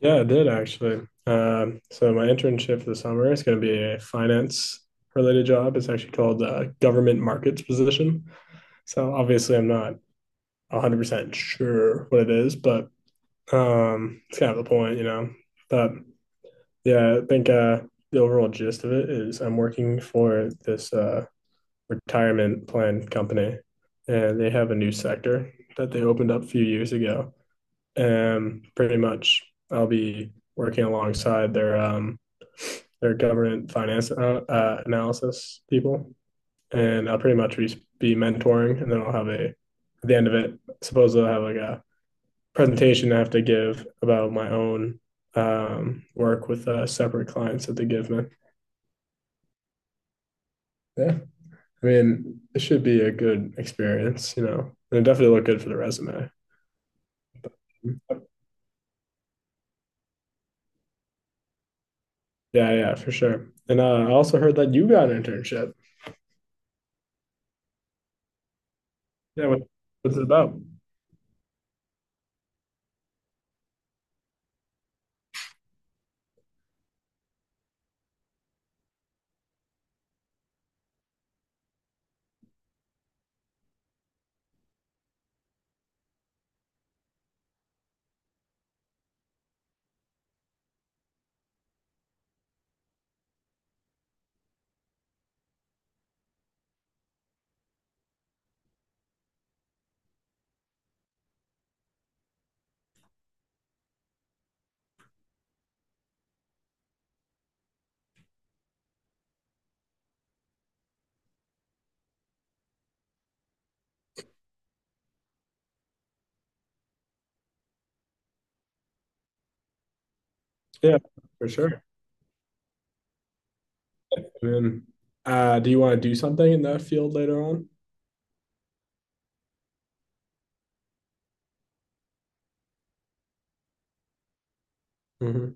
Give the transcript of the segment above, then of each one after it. Yeah, it did actually. So my internship this summer is going to be a finance related job. It's actually called government markets position. So obviously, I'm not 100% sure what it is, but it's kind of the point. But yeah, I think the overall gist of it is I'm working for this retirement plan company, and they have a new sector that they opened up a few years ago. And pretty much, I'll be working alongside their they're government finance analysis people, and I'll pretty much be mentoring, and then I'll have a at the end of it. Supposedly, I'll have like a presentation I have to give about my own work with separate clients that they give me. Yeah, I mean, it should be a good experience, and it definitely look good for the resume. Yeah, yeah, for sure. And I also heard that you got an internship. Yeah, what's it about? Yeah, for sure. And do you want to do something in that field later on? Hmm.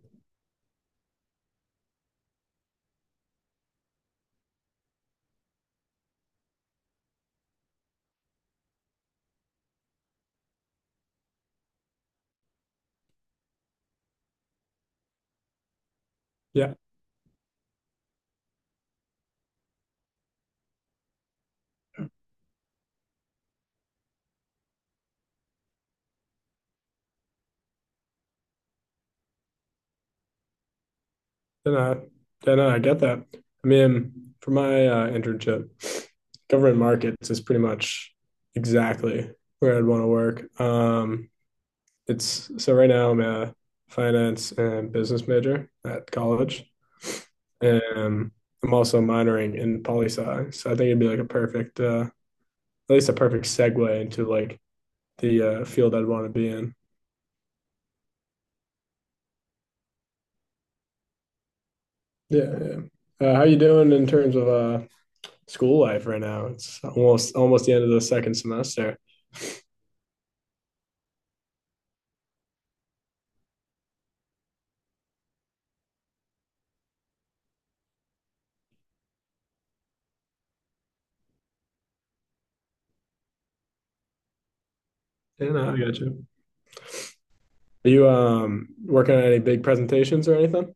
Yeah, then I then I get that. I mean, for my internship, government markets is pretty much exactly where I'd want to work. It's so right now I'm a finance and business major at college. Um, I'm also minoring in poli sci, so I think it'd be like a perfect, at least a perfect segue into like the field I'd want to be in. Yeah, yeah. How you doing in terms of school life right now? It's almost the end of the second semester. Yeah, no, I got you. Are you working on any big presentations or anything?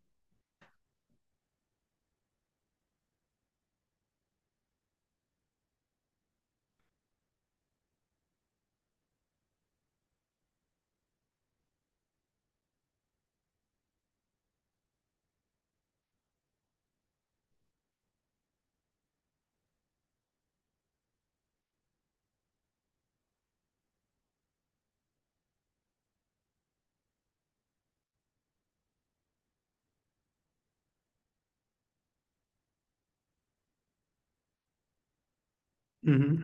Hmm.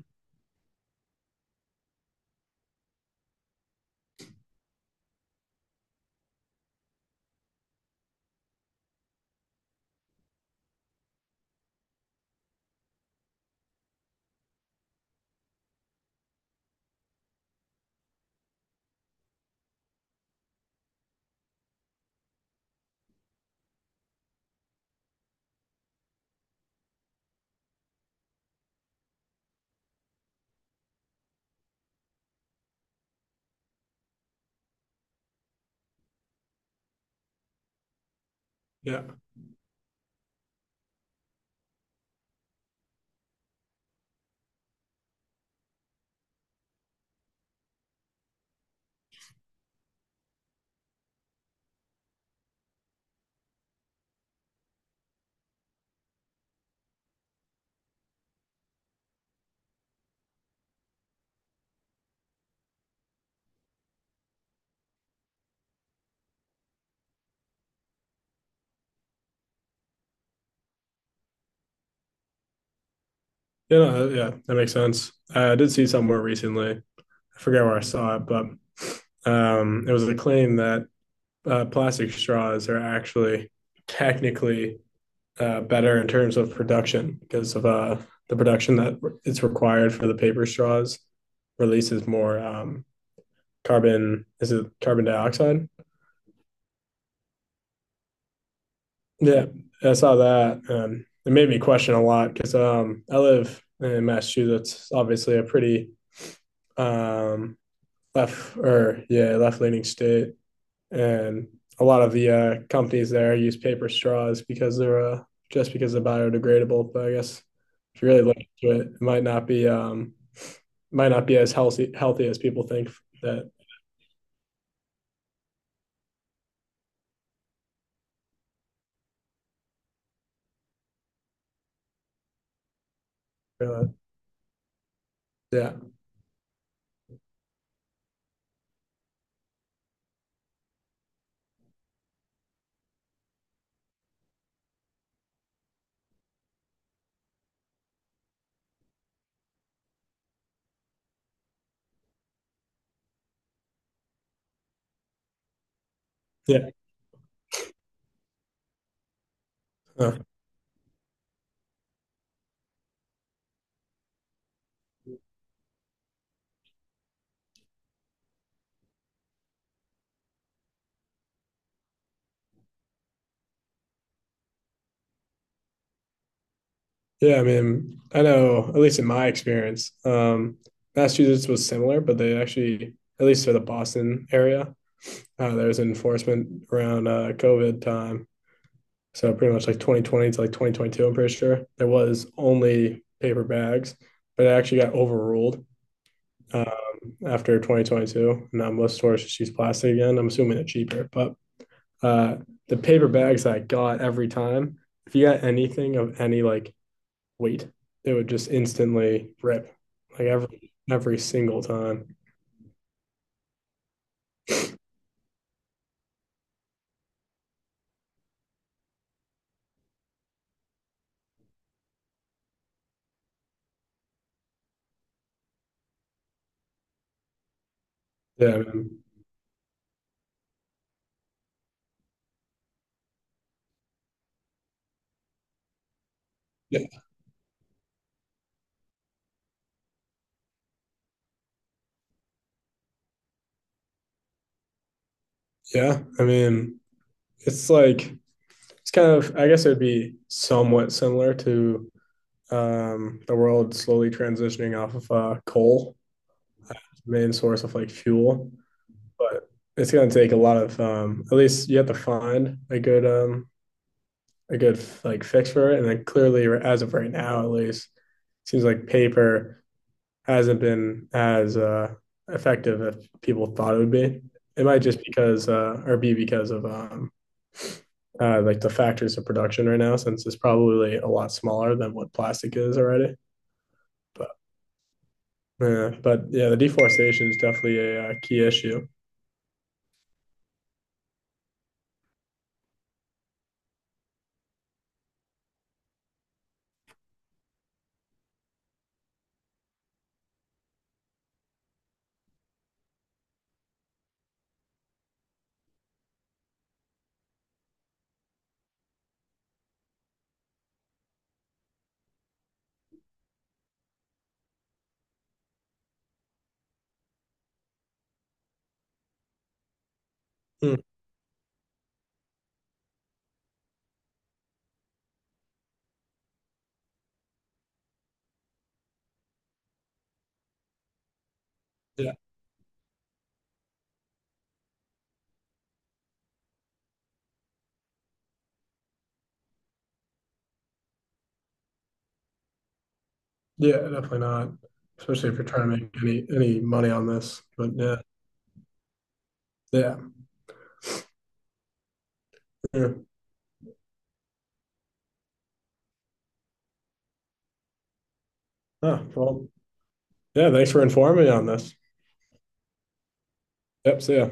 Yeah. Yeah, no, yeah, that makes sense. I did see somewhere recently I forget where I saw it, but it was a claim that plastic straws are actually technically better in terms of production because of the production that is required for the paper straws releases more carbon. Is it carbon dioxide? Yeah, I saw that. It made me question a lot because I live in Massachusetts, obviously a pretty um, left or yeah left leaning state, and a lot of the companies there use paper straws because they're just because they're biodegradable. But I guess if you really look into it, it might not be as healthy as people think that. Uh, yeah, yeah. Uh, Yeah, I mean, I know, at least in my experience, Massachusetts was similar, but they actually, at least for the Boston area, there was enforcement around COVID time. So pretty much like 2020 to like 2022, I'm pretty sure there was only paper bags, but it actually got overruled after 2022. Now most stores just use plastic again. I'm assuming it's cheaper, but uh, the paper bags I got every time, if you got anything of any like wheat. It would just instantly rip like every single time. Yeah, I mean, yeah, yeah. I mean, it's like it's kind of. I guess it would be somewhat similar to the world slowly transitioning off of coal, main source of like fuel, but it's going to take a lot of. At least you have to find a good like fix for it, and then clearly, as of right now, at least, it seems like paper hasn't been as effective as people thought it would be. It might just because or be because of like the factors of production right now, since it's probably a lot smaller than what plastic is already. But yeah, but yeah, the deforestation is definitely a, key issue. Mm, yeah, yeah, definitely not, especially if you're trying to make any money on this. But yeah, yeah, yeah. Oh, well, yeah. Thanks for informing me on this. Yep. See ya.